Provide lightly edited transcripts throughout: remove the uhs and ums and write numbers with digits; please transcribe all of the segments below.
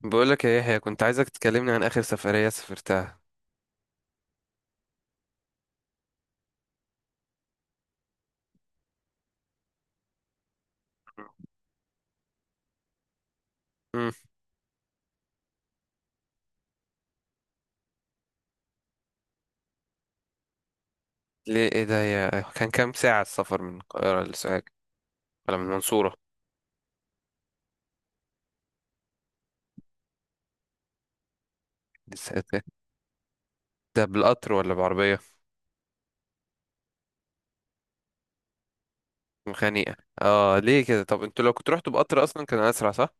بقولك يا يحيى، كنت عايزك تكلمني عن آخر سفرية سافرتها. امم ليه ايه ده يا؟ كان كام ساعة السفر من القاهرة لسوهاج ولا من المنصورة؟ لسوهاج ده بالقطر ولا بعربية؟ مخانيقة. اه ليه كده؟ طب انتوا لو كنتوا رحتوا بقطر أصلا كان أسرع صح؟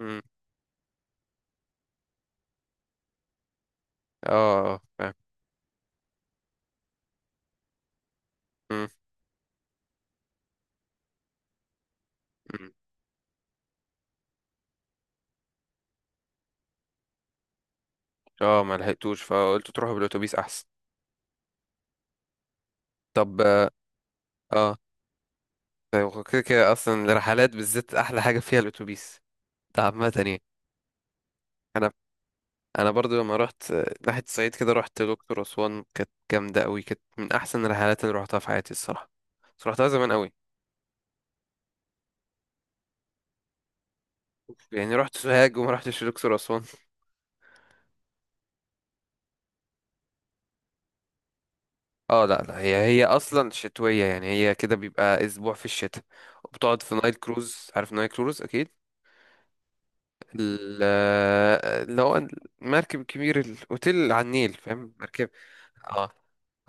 امم اه، آه، فاهم. امم أمم. اه، ما لحقتوش فقلت تروحوا بالأتوبيس أحسن. طب اه، آه، طيب هو كده كده أصلا الرحلات بالذات أحلى حاجة فيها الأتوبيس ده، عامة يعني. أنا انا برضو لما رحت ناحيه الصعيد كده، رحت دكتور اسوان، كانت جامده قوي، كانت من احسن الرحلات اللي رحتها في حياتي الصراحه، بس رحتها زمان قوي. يعني رحت سوهاج وما رحتش دكتور اسوان؟ اه، لا لا، هي اصلا شتويه يعني، هي كده بيبقى اسبوع في الشتاء، وبتقعد في نايل كروز، عارف نايل كروز اكيد؟ ال- اللي هو المركب الكبير الاوتيل على النيل، فاهم مركب؟ اه،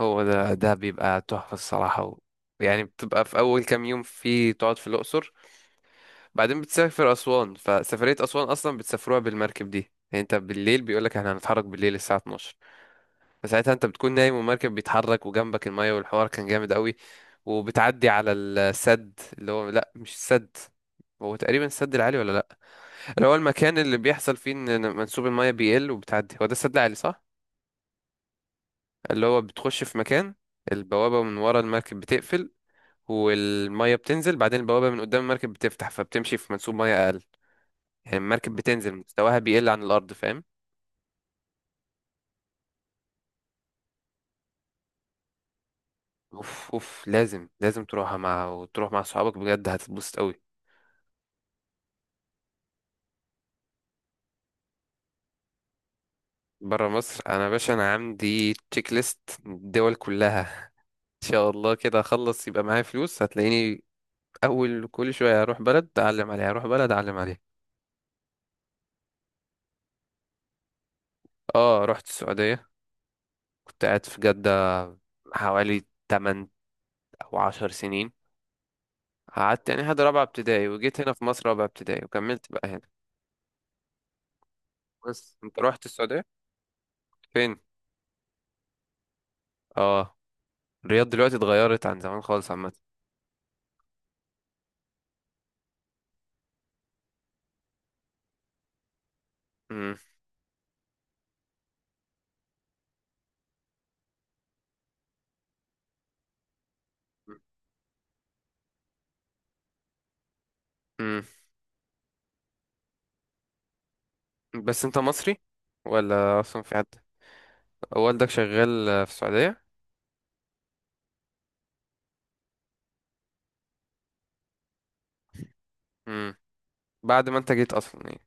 هو ده ده بيبقى تحفه الصراحه يعني بتبقى في اول كام يوم في، تقعد في الاقصر، بعدين بتسافر أسوان، فسفرية أسوان أصلا بتسافروها بالمركب دي. يعني انت بالليل بيقولك احنا هنتحرك بالليل الساعة 12، فساعتها انت بتكون نايم والمركب بيتحرك وجنبك المية، والحوار كان جامد قوي. وبتعدي على السد، اللي هو لا مش السد، هو تقريبا السد العالي ولا لا، اللي هو المكان اللي بيحصل فيه ان منسوب المية بيقل وبتعدي، هو ده السد العالي صح. اللي هو بتخش في مكان، البوابة من ورا المركب بتقفل والمية بتنزل، بعدين البوابة من قدام المركب بتفتح، فبتمشي في منسوب مية أقل. يعني المركب بتنزل، مستواها بيقل عن الارض، فاهم؟ اوف اوف، لازم تروحها مع، وتروح مع صحابك بجد، هتتبسط قوي. بره مصر انا يا باشا، انا عندي تشيك ليست الدول كلها. ان شاء الله كده اخلص يبقى معايا فلوس، هتلاقيني اول كل شويه اروح بلد اعلم عليها، اروح بلد اعلم عليها. اه رحت السعوديه، كنت قاعد في جده حوالي 8 او 10 سنين. قعدت يعني لحد رابعه ابتدائي وجيت هنا في مصر رابعه ابتدائي وكملت بقى هنا. بس انت رحت السعوديه فين؟ اه، الرياض دلوقتي اتغيرت عن زمان خالص عامة. مم. مم. بس انت مصري ولا اصلا في حد والدك شغال آه، في السعودية؟ مم. بعد ما انت جيت اصلا يعني؟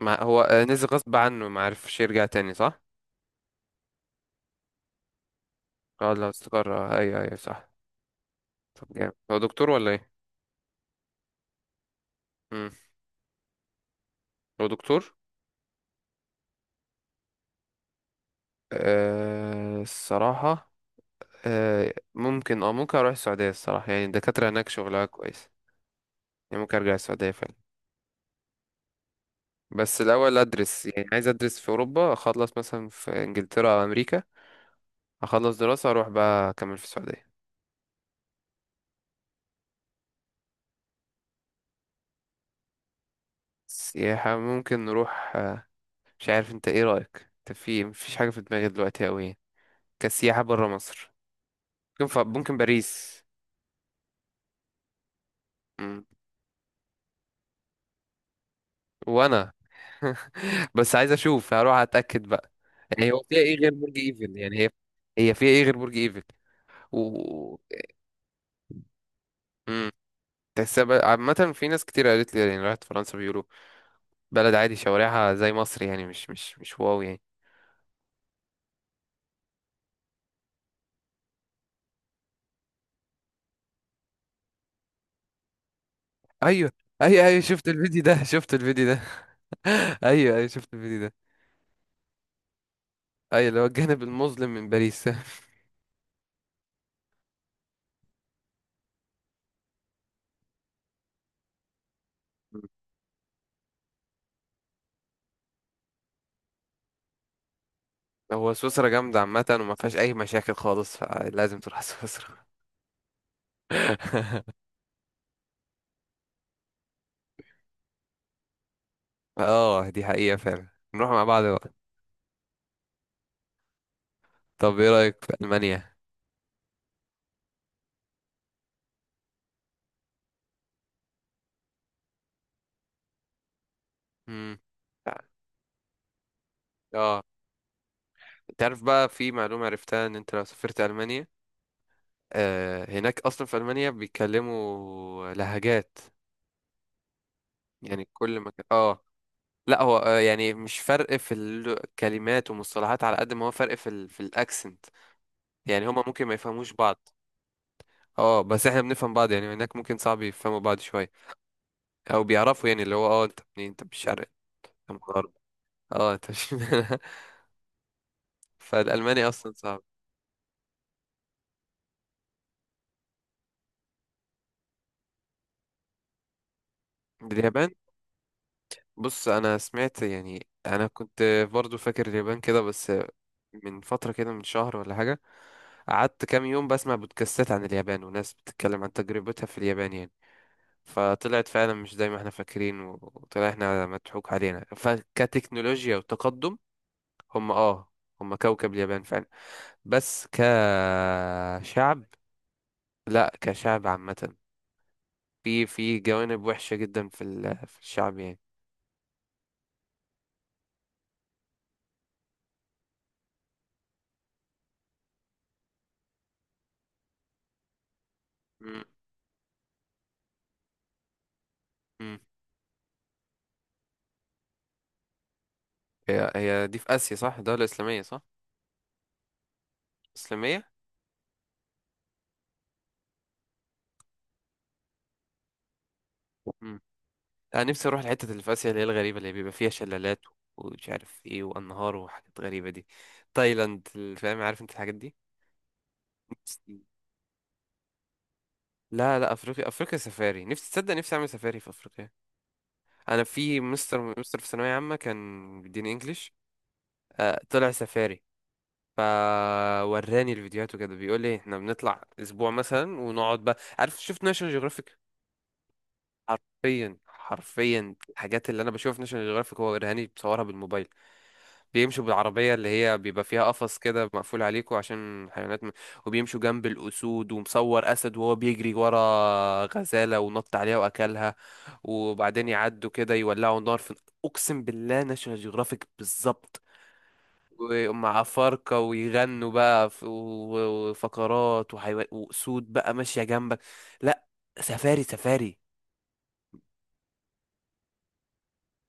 ما هو آه، نزل غصب عنه ما عرفش يرجع تاني صح؟ اه لو استقر آه، ايوه ايوه صح. طب جامد، هو دكتور ولا ايه؟ مم. هو دكتور؟ أه الصراحة، أه ممكن، اه ممكن اروح السعودية الصراحة، يعني الدكاترة هناك شغلها كويس، يعني ممكن ارجع السعودية فعلا. بس الأول أدرس، يعني عايز أدرس في أوروبا، أخلص مثلا في إنجلترا أو أمريكا، أخلص دراسة أروح بقى أكمل في السعودية. سياحة ممكن نروح آه، مش عارف أنت إيه رأيك، أنت في مفيش حاجة في دماغي دلوقتي أوي يعني. كسياحة برا مصر، ممكن باريس. مم. وأنا بس عايز أشوف، هروح أتأكد بقى. يعني هو فيها إيه غير برج إيفل؟ يعني هي فيها إيه غير برج إيفل و، مم. تحسها بقى، عامة في ناس كتير قالت لي يعني راحت فرنسا بيقولوا بلد عادي، شوارعها زي مصر، يعني مش واو يعني. ايوه، ايوه ايوه، شفت الفيديو ده. ايوه ايوه شفت الفيديو ده. ايوه اللي هو الجانب المظلم من باريس. هو سويسرا جامدة عامة، وما فيهاش أي مشاكل خالص، فلازم تروح سويسرا. اه دي حقيقة فعلا، نروح مع بعض بقى. طب ايه رأيك في ألمانيا؟ مم. اه، تعرف بقى في معلومة عرفتها ان انت لو سافرت ألمانيا آه، هناك اصلا في ألمانيا بيتكلموا لهجات، يعني كل مكان اه. لا هو آه، يعني مش فرق في الكلمات ومصطلحات على قد ما هو فرق في في الاكسنت، يعني هما ممكن ما يفهموش بعض. اه بس احنا بنفهم بعض يعني، هناك ممكن صعب يفهموا بعض شويه، او بيعرفوا يعني اللي هو اه انت منين، انت مش شرق، انت من الغرب، اه انت مش. فالالماني اصلا صعب. اليابان؟ بص انا سمعت، يعني انا كنت برضو فاكر اليابان كده، بس من فتره كده من شهر ولا حاجه قعدت كام يوم بسمع بودكاستات عن اليابان وناس بتتكلم عن تجربتها في اليابان يعني، فطلعت فعلا مش زي ما احنا فاكرين وطلع احنا مضحوك علينا فكتكنولوجيا وتقدم، هم اه، هم كوكب اليابان فعلا. بس كشعب، لا كشعب عامة في، في جوانب وحشة جدا في في الشعب يعني. مم. مم. هي دي في آسيا صح؟ دولة إسلامية صح؟ إسلامية. مم. أنا نفسي أروح الحتة اللي في آسيا اللي هي الغريبة، اللي بيبقى فيها شلالات ومش عارف إيه وأنهار وحاجات غريبة دي، تايلاند، فاهم، عارف أنت الحاجات دي؟ لا لا، افريقيا افريقيا سفاري، نفسي، تصدق نفسي اعمل سفاري في افريقيا. انا في مستر، في ثانويه عامه كان بيديني انجليش، آه، طلع سفاري، فوراني الفيديوهات وكده، بيقول لي احنا بنطلع اسبوع مثلا ونقعد بقى، عارف، شفت ناشونال جيوغرافيك؟ حرفيا حرفيا الحاجات اللي انا بشوفها في ناشونال جيوغرافيك هو وراني بصورها بالموبايل. بيمشوا بالعربية اللي هي بيبقى فيها قفص كده مقفول عليكوا عشان حيوانات وبيمشوا جنب الأسود، ومصور أسد وهو بيجري ورا غزالة ونط عليها وأكلها، وبعدين يعدوا كده يولعوا نار في. أقسم بالله ناشونال جيوغرافيك بالظبط. ومع فرقة ويغنوا بقى وفقرات وحيوان وأسود بقى ماشية جنبك. لا، سفاري سفاري.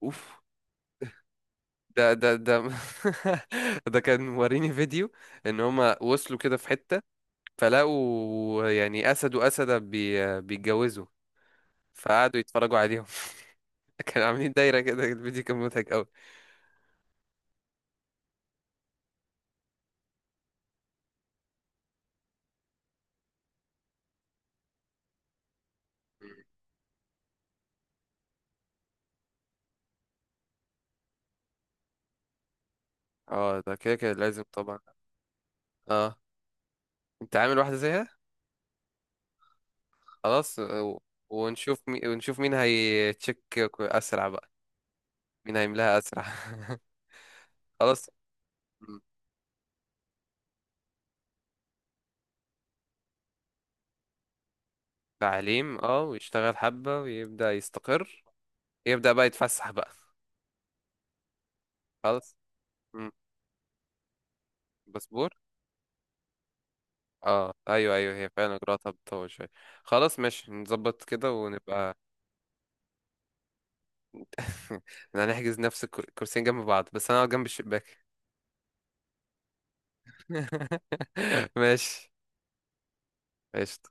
أوف، ده ده كان موريني فيديو ان هما وصلوا كده في حتة، فلقوا يعني أسد وأسدة بيتجوزوا، فقعدوا يتفرجوا عليهم. كانوا عاملين دايرة كده، الفيديو كان مضحك أوي. اه ده كده كده لازم طبعا. اه انت عامل واحدة زيها؟ خلاص ونشوف مين هيتشك أسرع بقى، مين هيملاها أسرع. خلاص. م. تعليم، اه ويشتغل حبة ويبدأ يستقر، يبدأ بقى يتفسح بقى. خلاص. م. باسبور. اه ايوه ايوه هي فعلا اجراءاتها بتطول شوية. خلاص ماشي، نظبط كده ونبقى. احنا هنحجز نفس الكرسيين جنب بعض، بس انا اقعد جنب الشباك. ماشي. ماشي.